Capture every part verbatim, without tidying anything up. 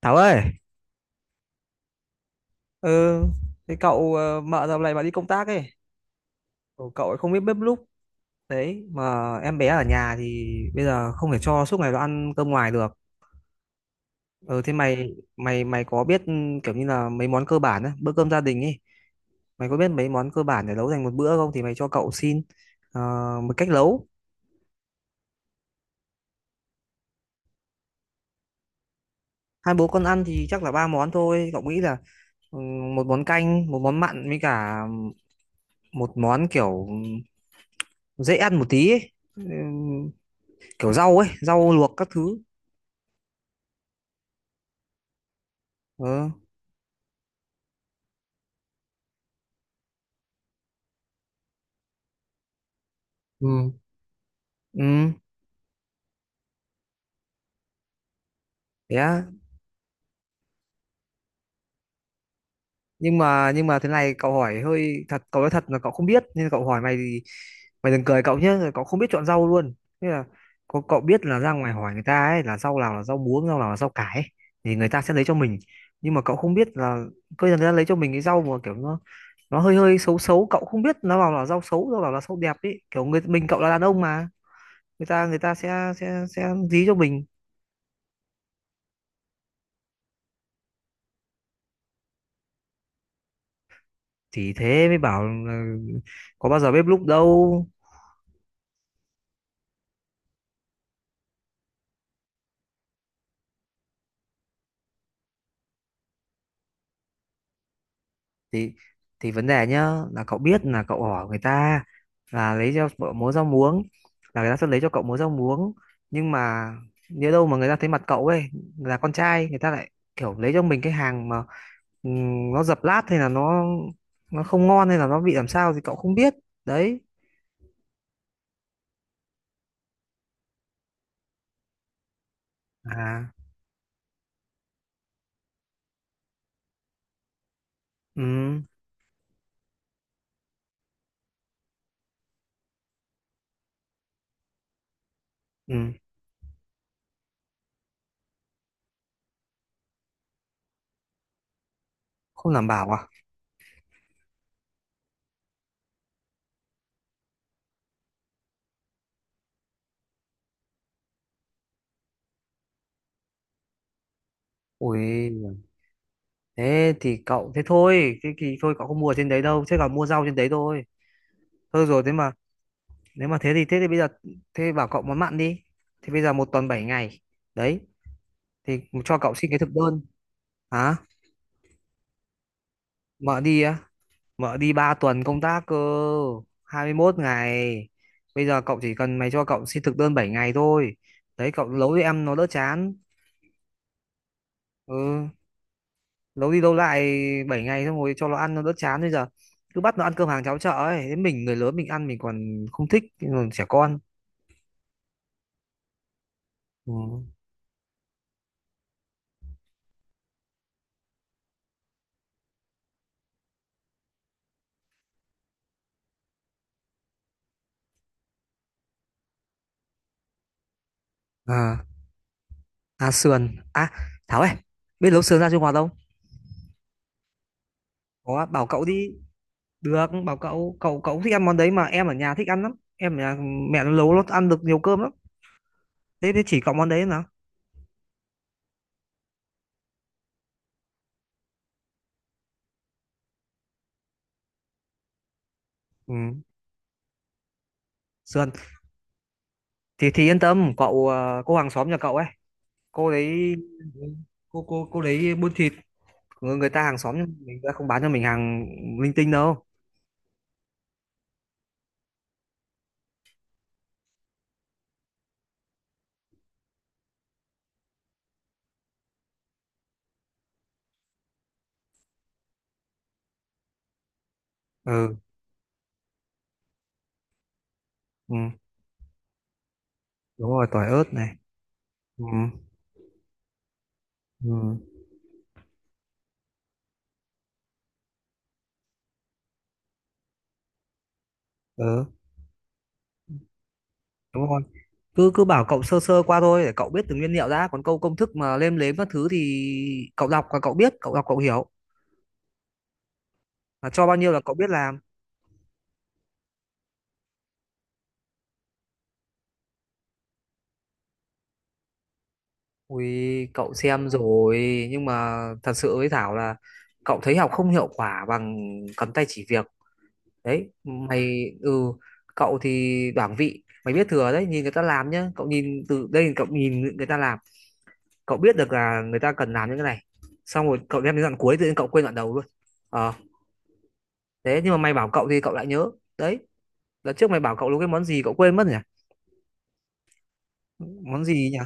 Thảo ơi, ừ, thế cậu ờ, mợ dạo này mà đi công tác ấy, cậu cậu ấy không biết bếp núc đấy, mà em bé ở nhà thì bây giờ không thể cho suốt ngày nó ăn cơm ngoài được. Ừ, thế mày mày mày có biết ừ, kiểu như là mấy món cơ bản á, bữa cơm gia đình ấy, mày có biết mấy món cơ bản để nấu thành một bữa không? Thì mày cho cậu xin ờ, một cách nấu. Hai bố con ăn thì chắc là ba món thôi. Cậu nghĩ là ừ, một món canh, một món mặn với cả một món kiểu ừ, dễ ăn một tí ấy. Ừ, kiểu rau ấy rau luộc các thứ. Ờ. Ừ. Ừ. Thế á. Nhưng mà nhưng mà thế này cậu hỏi hơi thật, cậu nói thật là cậu không biết nên cậu hỏi mày thì mày đừng cười cậu nhé, cậu không biết chọn rau luôn. Thế là cậu, cậu biết là ra ngoài hỏi người ta ấy, là rau nào là rau muống, rau nào là rau cải ấy, thì người ta sẽ lấy cho mình, nhưng mà cậu không biết là cơ người ta lấy cho mình cái rau mà kiểu nó nó hơi hơi xấu xấu, cậu không biết nó bảo là rau xấu rau bảo là rau đẹp ấy, kiểu người mình cậu là đàn ông mà, người ta người ta sẽ sẽ sẽ dí cho mình. Thì thế mới bảo là có bao giờ bếp núc đâu. Thì thì vấn đề nhá là cậu biết là cậu hỏi người ta là lấy cho cậu múa rau muống là người ta sẽ lấy cho cậu múa rau muống, nhưng mà nếu đâu mà người ta thấy mặt cậu ấy là con trai, người ta lại kiểu lấy cho mình cái hàng mà ừm, nó dập lát hay là nó nó không ngon hay là nó bị làm sao thì cậu không biết đấy. À. Ừ. Ừ, không đảm bảo à. Ui, thế thì cậu, thế thôi, thế thì thôi cậu không mua ở trên đấy đâu, thế còn mua rau trên đấy thôi. Thôi rồi. Thế mà nếu mà thế thì, thế thì bây giờ thế bảo cậu món mặn đi. Thì bây giờ một tuần bảy ngày đấy, thì cho cậu xin cái thực đơn. Hả? Mợ đi á? Mợ đi ba tuần công tác cơ, hai mươi mốt ngày. Bây giờ cậu chỉ cần mày cho cậu xin thực đơn bảy ngày thôi đấy, cậu nấu cho em nó đỡ chán. Ừ, lâu đi lâu lại, bảy ngày xong rồi cho nó ăn nó đỡ chán. Bây giờ cứ bắt nó ăn cơm hàng cháo chợ ấy, thế mình người lớn mình ăn mình còn không thích, còn trẻ con. Ừ. À, à sườn à. Thảo ơi, biết nấu sườn ra Trung Hoa không? Có bảo cậu đi, được bảo cậu, cậu cậu thích ăn món đấy mà, em ở nhà thích ăn lắm, em ở nhà mẹ nó nấu nó ăn được nhiều cơm lắm. Thế thế chỉ cậu món đấy nào. Ừ. Sườn thì thì yên tâm cậu, ờ, cô hàng xóm nhà cậu ấy, cô đấy, cô cô cô đấy buôn thịt, người người ta hàng xóm nhưng mình đã không bán cho mình hàng linh tinh đâu. Ừ, ừ đúng rồi, tỏi ớt này. Ừ. Ừ. Ừ đúng rồi, cứ cứ bảo cậu sơ sơ qua thôi để cậu biết từng nguyên liệu đã, còn câu công thức mà lêm lếm các thứ thì cậu đọc và cậu biết, cậu đọc cậu hiểu là cho bao nhiêu là cậu biết làm. Ui cậu xem rồi, nhưng mà thật sự với Thảo là cậu thấy học không hiệu quả bằng cầm tay chỉ việc đấy mày. Ừ, cậu thì đoảng vị mày biết thừa đấy, nhìn người ta làm nhá, cậu nhìn từ đây cậu nhìn người ta làm, cậu biết được là người ta cần làm những cái này, xong rồi cậu đem đến đoạn cuối tự nhiên cậu quên đoạn đầu luôn. Ờ. Thế nhưng mà mày bảo cậu thì cậu lại nhớ đấy. Lần trước mày bảo cậu nấu cái món gì cậu quên mất nhỉ? Món gì nhỉ?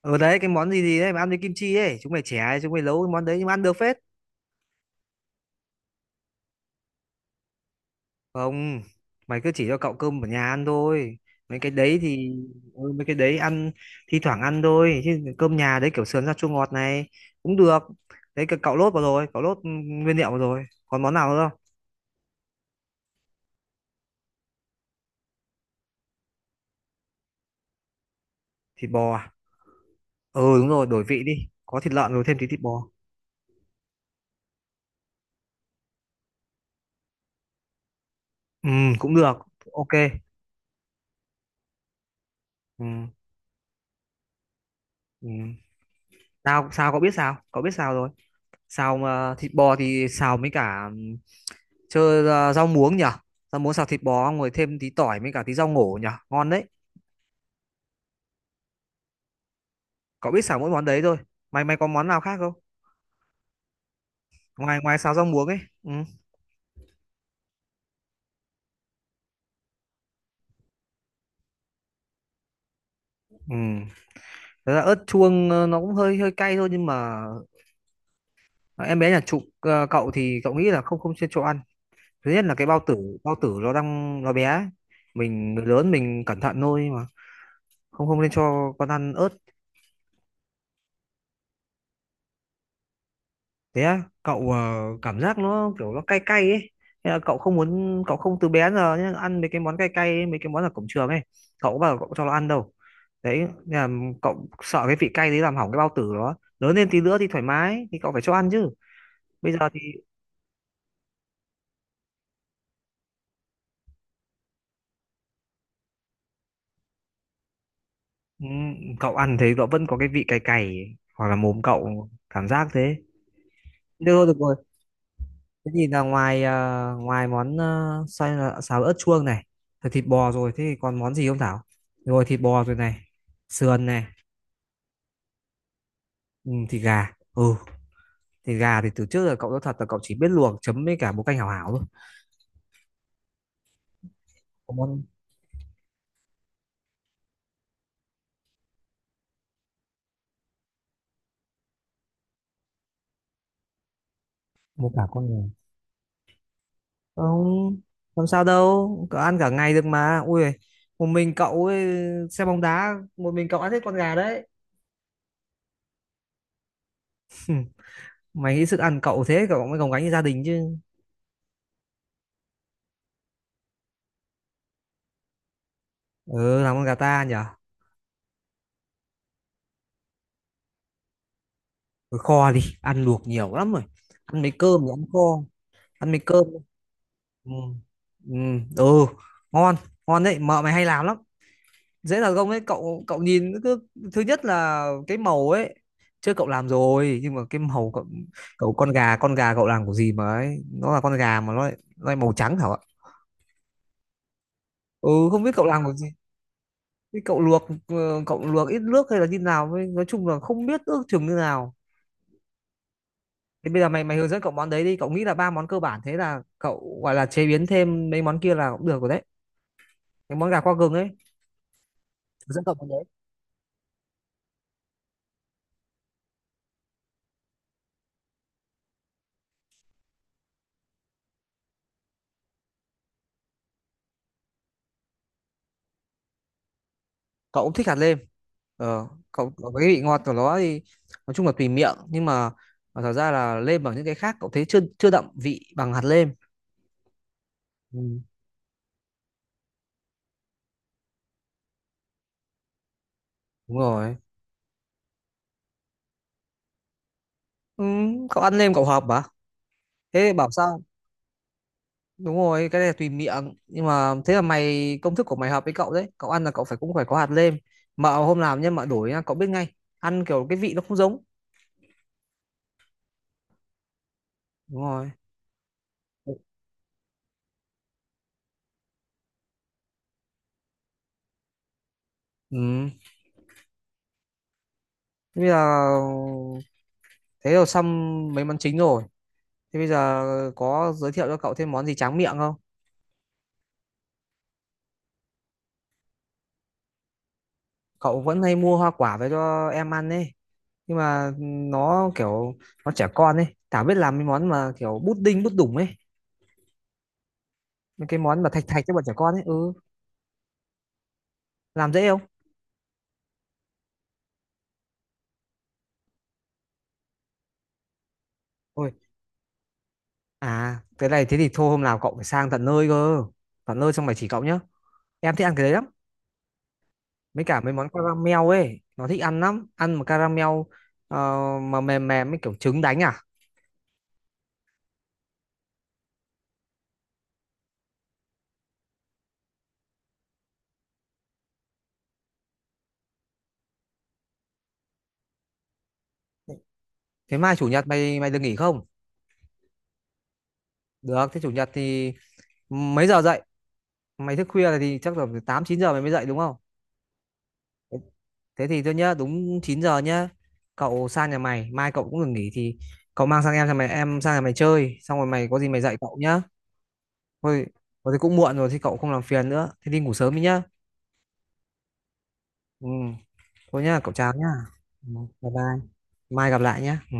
Ờ đấy, cái món gì gì đấy mà ăn với kim chi ấy, chúng mày trẻ chúng mày nấu cái món đấy nhưng mà ăn được phết. Không, mày cứ chỉ cho cậu cơm ở nhà ăn thôi, mấy cái đấy thì ừ, mấy cái đấy ăn thi thoảng ăn thôi, chứ cơm nhà đấy kiểu sườn rau chua ngọt này cũng được. Đấy cái cậu lốt vào rồi, cậu lốt ừ, nguyên liệu vào rồi, còn món nào nữa không? Thịt bò à? Ừ đúng rồi, đổi vị đi, có thịt lợn rồi thêm tí thịt bò. Ừ, cũng được. OK. Ừ. Ừ. sao sao cậu biết, sao cậu biết, sao rồi. Xào mà thịt bò thì xào mấy cả ừ, chơi ờ, rau muống nhỉ, rau muống xào thịt bò xong rồi thêm tí tỏi với cả tí rau ngổ nhỉ, ngon đấy. Cậu biết xả mỗi món đấy thôi. Mày mày có món nào khác không, ngoài ngoài xào rau muống ấy. Ừ. Ừ. Thật ra ớt chuông ờ, nó cũng hơi hơi cay thôi, nhưng mà em bé nhà trụ, ờ, cậu thì cậu nghĩ là không, không chuyên cho ăn. Thứ nhất là cái bao tử, bao tử nó đang nó bé ấy. Mình người lớn mình cẩn thận thôi mà, không không nên cho con ăn ớt. Thế á cậu? ờ, cảm giác nó kiểu nó cay cay ấy. Thế là cậu không muốn, cậu không từ bé đến giờ nhá, ăn mấy cái món cay cay ấy, mấy cái món ở cổng trường ấy, cậu có bao giờ cậu cho nó ăn đâu đấy. Nên là cậu sợ cái vị cay đấy làm hỏng cái bao tử, đó lớn lên tí nữa thì thoải mái thì cậu phải cho ăn chứ, bây giờ thì ừ, cậu ăn thấy cậu vẫn có cái vị cay cay ấy, hoặc là mồm cậu cảm giác thế. Được rồi, được rồi, thế thì là ngoài ờ, ngoài món ờ, xoay là xào ớt chuông này, rồi thịt bò rồi, thế thì còn món gì không Thảo? Rồi thịt bò rồi này, sườn này. Ừ, thịt gà. Ừ, thịt gà thì từ trước giờ cậu nói thật là cậu chỉ biết luộc chấm với cả một canh hảo hảo thôi. Có món một cả con người, không làm sao đâu, cậu ăn cả ngày được mà, ui giời, một mình cậu ấy, xem bóng đá một mình cậu ăn hết con gà đấy. Mày nghĩ sức ăn cậu thế cậu mới gồng gánh gia đình chứ. Ừ, làm con gà ta nhỉ. Thôi kho đi, ăn luộc nhiều lắm rồi. Ăn mấy cơm thì ăn kho, ăn mấy cơm. Ừ. Ừ, ừ, ngon, ngon đấy, mợ mày hay làm lắm. Dễ là công đấy, cậu cậu nhìn cứ, thứ nhất là cái màu ấy. Chưa cậu làm rồi, nhưng mà cái màu cậu, cậu con gà, con gà cậu làm của gì mà ấy, nó là con gà mà nó lại, nó lại màu trắng hả ạ? Ừ, không biết cậu làm của gì. Thế cậu luộc ờ, cậu luộc ít nước hay là như nào, với, nói chung là không biết ước chừng như nào. Thế bây giờ mày mày hướng dẫn cậu món đấy đi, cậu nghĩ là ba món cơ bản thế là cậu gọi là chế biến thêm mấy món kia là cũng được rồi đấy. Cái món gà qua gừng ấy, hướng dẫn cậu món đấy. Cậu cũng thích hạt lêm. Ờ, cậu cậu cái vị ngọt của nó thì nói chung là tùy miệng, nhưng mà, mà thật ra là lêm ở những cái khác cậu thấy chưa chưa đậm vị bằng hạt lêm. Ừ, đúng rồi. Ừ, cậu ăn lêm cậu hợp mà. Thế bảo sao? Đúng rồi, cái này là tùy miệng nhưng mà thế là mày công thức của mày hợp với cậu đấy. Cậu ăn là cậu phải, cũng phải có hạt lêm. Mà hôm làm nhá, mà đổi nhá, cậu biết ngay. Ăn kiểu cái vị nó không giống, đúng rồi. Ừ. Thế bây giờ thế rồi xong mấy món chính rồi, thế bây giờ có giới thiệu cho cậu thêm món gì tráng miệng không? Cậu vẫn hay mua hoa quả về cho em ăn ấy, nhưng mà ừ, nó kiểu nó trẻ con ấy, Thảo biết làm mấy món mà kiểu bút đinh bút đủng ấy, mấy cái món mà thạch thạch cho bọn trẻ con ấy, ừ làm dễ không? Ôi, à cái này thế thì thôi hôm nào cậu phải sang tận nơi cơ, tận nơi xong mày chỉ cậu nhá, em thích ăn cái đấy lắm, mấy cả mấy món caramel ấy, nó thích ăn lắm ăn mà caramel. ờ, mà mềm mềm mấy kiểu trứng đánh à. Thế mai chủ nhật mày mày được nghỉ không? Được, thế chủ nhật thì mấy giờ dậy? Mày thức khuya thì chắc là tám chín giờ mày mới dậy đúng không? Thế thì tôi nhớ đúng chín giờ nhá, cậu sang nhà mày, mai cậu cũng được nghỉ thì cậu mang sang em, sang mày, em sang nhà mày chơi xong rồi mày có gì mày dạy cậu nhá. Thôi, thôi thì cũng muộn rồi thì cậu không làm phiền nữa, thế đi ngủ sớm đi nhá. Ừ, thôi nhá, cậu chào nhá. Ừ, bye bye. Mai gặp lại nhá. Ừ.